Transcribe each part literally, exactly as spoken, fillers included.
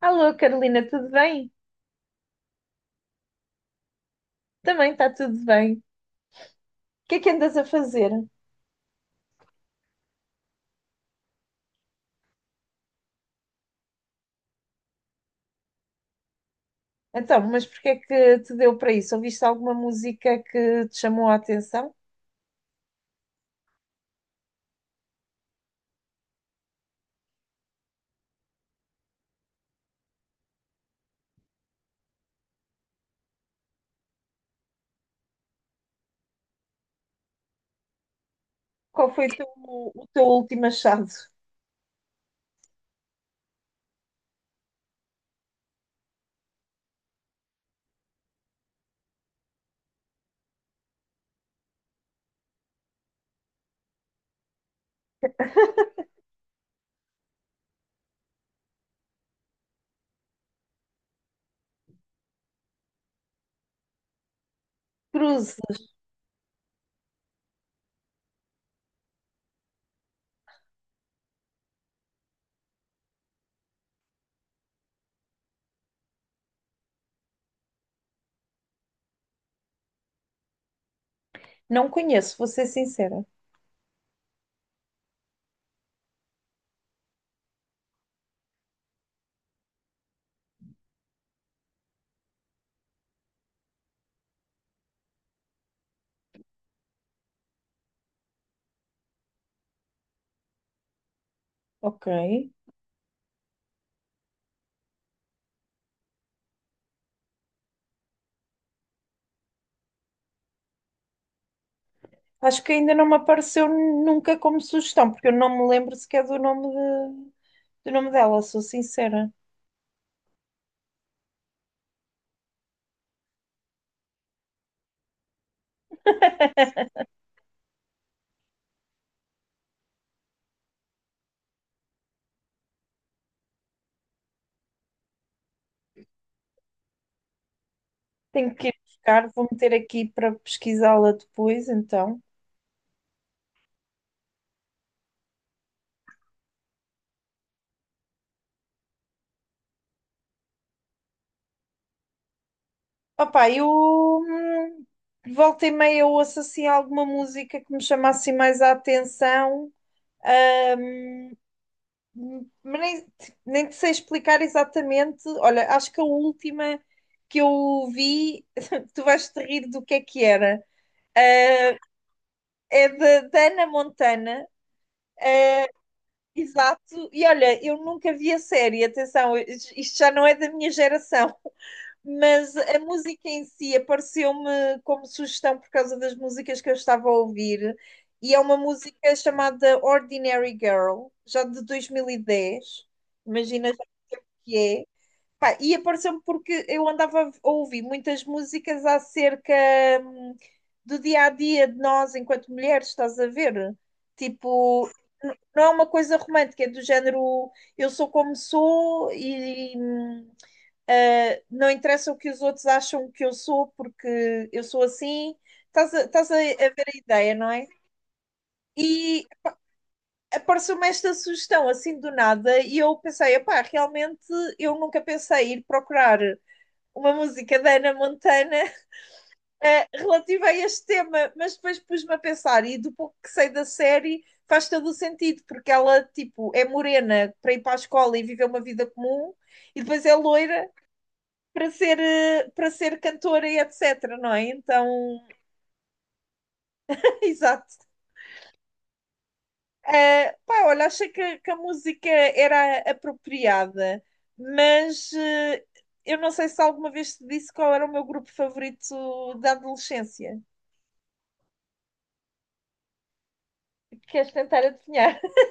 Alô, Carolina, tudo bem? Também está tudo bem. O que é que andas a fazer? Então, mas porquê é que te deu para isso? Ouviste alguma música que te chamou a atenção? Qual foi o teu, o teu último achado? Cruzes. Não conheço, vou ser sincera. Ok. Acho que ainda não me apareceu nunca como sugestão, porque eu não me lembro sequer do nome, de- do nome dela, sou sincera. Tenho que ir buscar, vou meter aqui para pesquisá-la depois, então. Opa, eu hum, volta e meia eu ouço assim alguma música que me chama assim mais a atenção, hum, mas nem, nem te sei explicar exatamente. Olha, acho que a última que eu vi, tu vais te rir do que é que era. Eh, É da da Hannah Montana, exato. E olha, eu nunca vi a série, atenção, isto já não é da minha geração. Mas a música em si apareceu-me como sugestão por causa das músicas que eu estava a ouvir, e é uma música chamada Ordinary Girl, já de dois mil e dez, imagina, já que é. Pá, e apareceu-me porque eu andava a ouvir muitas músicas acerca hum, do dia a dia de nós enquanto mulheres, estás a ver? Tipo, n- não é uma coisa romântica, é do género eu sou como sou e, hum, Uh, não interessa o que os outros acham que eu sou, porque eu sou assim. Estás a, estás a, a ver a ideia, não é? E apareceu-me esta sugestão assim do nada, e eu pensei: epá, realmente eu nunca pensei ir procurar uma música da Ana Montana eh, relativa a este tema, mas depois pus-me a pensar, e do pouco que sei da série, faz todo o sentido, porque ela, tipo, é morena para ir para a escola e viver uma vida comum, e depois é loira para ser, eh, para ser cantora e etc, não é? Então, exato. Eh, pá, olha, achei que, que a música era apropriada, mas eh, eu não sei se alguma vez te disse qual era o meu grupo favorito da adolescência. Queres tentar adivinhar?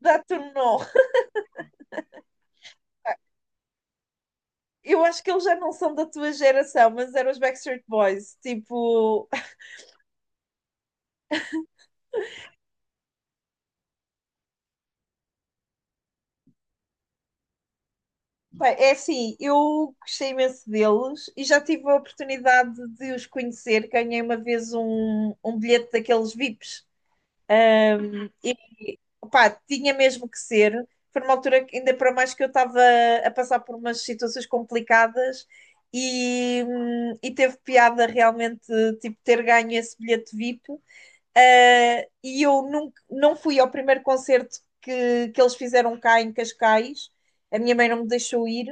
Dá-te um nó. Eu acho que eles já não são da tua geração, mas eram os Backstreet Boys. Tipo, pá, é assim, eu gostei imenso deles e já tive a oportunidade de os conhecer. Ganhei uma vez um, um bilhete daqueles V I Ps e pá, tinha mesmo que ser. Foi uma altura que, ainda para mais que eu estava a passar por umas situações complicadas e, hum, e teve piada realmente, tipo, ter ganho esse bilhete V I P. Ah, e eu nunca, não fui ao primeiro concerto que, que eles fizeram cá em Cascais, a minha mãe não me deixou ir.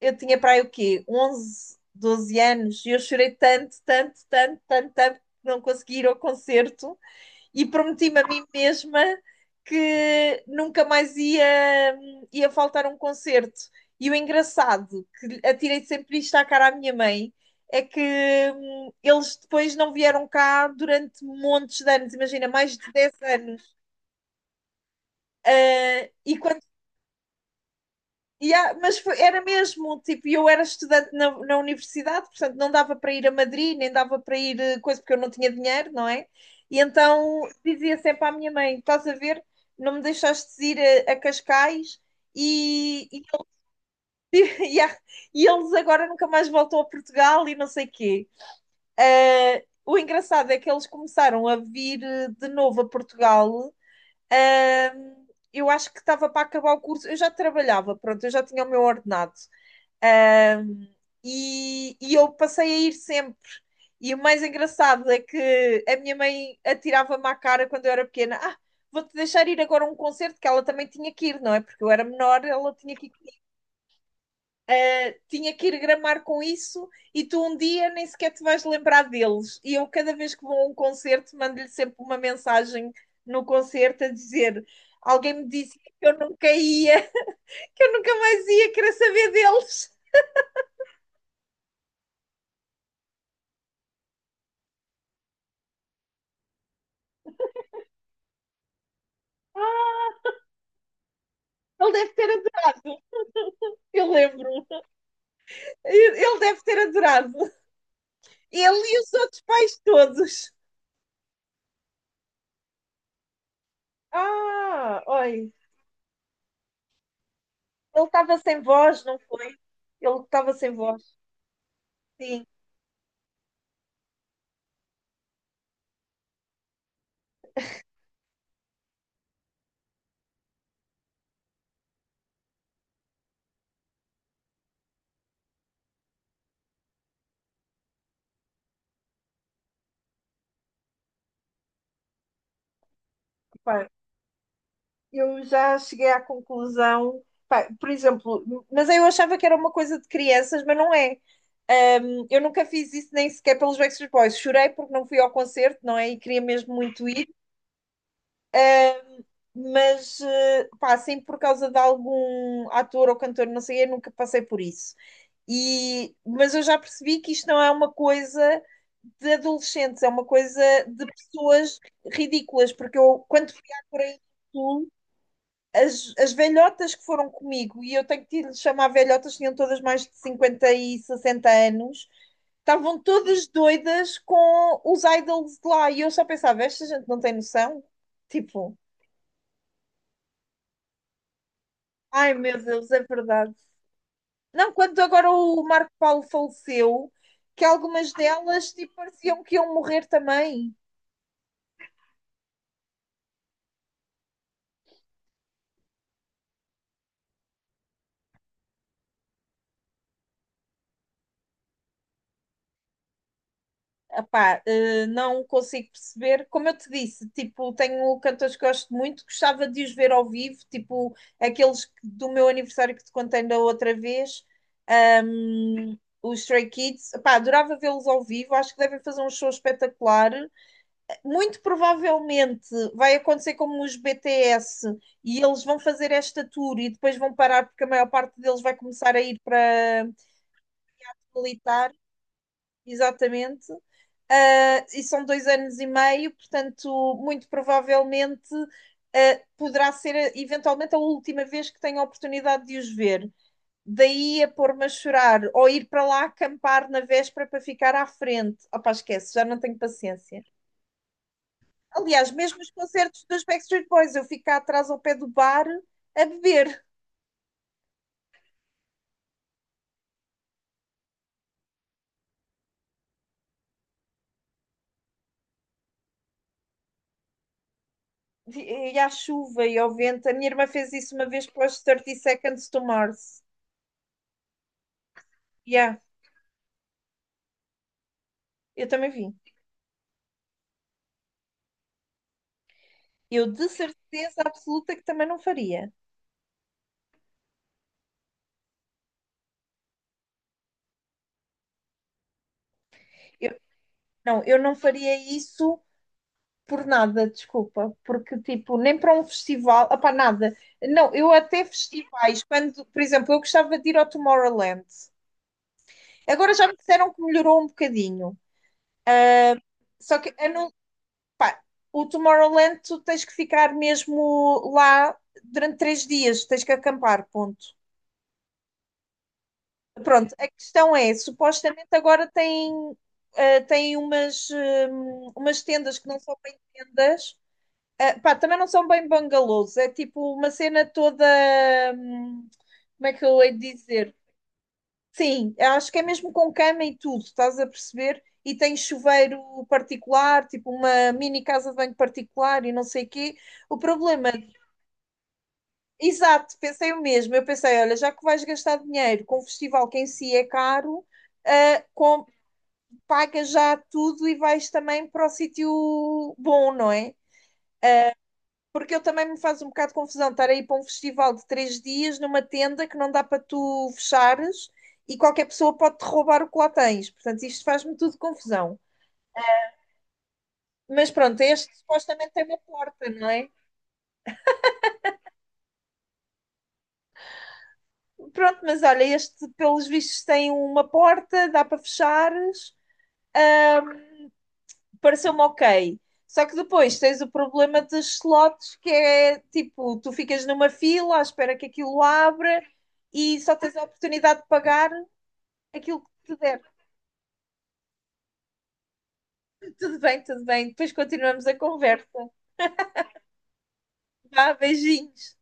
Eu tinha para aí o quê? onze, doze anos, e eu chorei tanto, tanto, tanto, tanto, tanto que não consegui ir ao concerto e prometi-me a mim mesma que nunca mais ia, ia faltar a um concerto. E o engraçado, que atirei sempre isto à cara à minha mãe, é que hum, eles depois não vieram cá durante montes de anos, imagina, mais de dez anos. Ah, e quando. E há- mas foi- era mesmo, tipo, eu era estudante na, na universidade, portanto não dava para ir a Madrid, nem dava para ir eh, coisa, porque eu não tinha dinheiro, não é? E então dizia sempre à minha mãe: estás a ver, não me deixaste ir a, a Cascais e, e, e há- e eles agora nunca mais voltam a Portugal e não sei quê. Ah, o engraçado é que eles começaram a vir eh, de novo a Portugal. Ah, eu acho que estava para acabar o curso, eu já trabalhava, pronto, eu já tinha o meu ordenado. Um, e, e eu passei a ir sempre. E o mais engraçado é que a minha mãe atirava-me à cara quando eu era pequena: ah, vou-te deixar ir agora a um concerto que ela também tinha que ir, não é? Porque eu era menor, ela tinha que, tinha que ir gramar com isso, e tu um dia nem sequer te vais lembrar deles. E eu, cada vez que vou a um concerto, mando-lhe sempre uma mensagem no concerto a dizer: alguém me disse que eu nunca ia, que eu nunca mais ia querer saber deles. Ah, ele deve ter adorado. Eu lembro. Ele deve ter adorado. Ele e os outros pais todos. Ah, oi. Ele estava sem voz, não foi? Ele estava sem voz. Sim, pá. Eu já cheguei à conclusão. Pá, por exemplo, mas eu achava que era uma coisa de crianças, mas não é. Ahm, eu nunca fiz isso nem sequer pelos Backstreet Boys. Chorei porque não fui ao concerto, não é? E queria mesmo muito ir, mas eh, pá, assim por causa de algum ator ou cantor, não sei, eu nunca passei por isso. E, mas eu já percebi que isto não é uma coisa de adolescentes, é uma coisa de pessoas ridículas, porque eu, quando fui à Coreia do Sul, as, as velhotas que foram comigo, e eu tenho que lhes chamar velhotas, tinham todas mais de cinquenta e sessenta anos, estavam todas doidas com os idols de lá, e eu só pensava, esta gente não tem noção? Tipo, ai meu Deus, é verdade. Não, quando agora o Marco Paulo faleceu, que algumas delas, tipo, pareciam que iam morrer também. Epá, eh, não consigo perceber. Como eu te disse, tipo, tenho cantores que gosto muito, gostava de os ver ao vivo, tipo aqueles que- do meu aniversário que te contei da outra vez, ahm, os Stray Kids. Epá, adorava vê-los ao vivo, acho que devem fazer um show espetacular. Muito provavelmente vai acontecer como os B T S, e eles vão fazer esta tour e depois vão parar porque a maior parte deles vai começar a ir para militar, exatamente. Uh, e são dois anos e meio, portanto, muito provavelmente uh, poderá ser eventualmente a última vez que tenho a oportunidade de os ver. Daí a pôr-me a chorar ou ir para lá acampar na véspera para ficar à frente. Opá, esquece, já não tenho paciência. Aliás, mesmo os concertos dos Backstreet Boys, eu fico cá atrás ao pé do bar a beber. E e à chuva e ao vento. A minha irmã fez isso uma vez para os thirty Seconds to Mars. Yeah, eu também vi. Eu de certeza absoluta que também não faria. Eu- não, eu não faria isso por nada, desculpa. Porque, tipo, nem para um festival, opá, nada. Não, eu até festivais, quando, por exemplo, eu gostava de ir ao Tomorrowland. Agora já me disseram que melhorou um bocadinho. Só que a não. Pá, o Tomorrowland tu tens que ficar mesmo lá durante três dias, tens que acampar, ponto. Pronto, a questão é, supostamente agora tem, eh, tem umas, hum, umas tendas que não são bem tendas. Eh, pá, também não são bem bangalôs, é tipo uma cena toda, hum, como é que eu hei de dizer? Sim, acho que é mesmo com cama e tudo, estás a perceber? E tem chuveiro particular, tipo uma mini casa de banho particular e não sei o quê. O problema. Exato, pensei o mesmo. Eu pensei, olha, já que vais gastar dinheiro com um festival que em si é caro, ah, com- paga já tudo e vais também para o sítio bom, não é? Porque eu também me faz um bocado de confusão estar aí para um festival de três dias numa tenda que não dá para tu fechares, e qualquer pessoa pode-te roubar o que lá tens. Portanto, isto faz-me tudo confusão. Mas pronto, este supostamente tem uma porta, não é? Pronto, mas olha, este pelos vistos tem uma porta, dá para fechares. Pareceu-me ok. Só que depois tens o problema dos slots, que é tipo, tu ficas numa fila à espera que aquilo abra e só tens a oportunidade de pagar aquilo que te der. Tudo bem, tudo bem. Depois continuamos a conversa. Vá, beijinhos.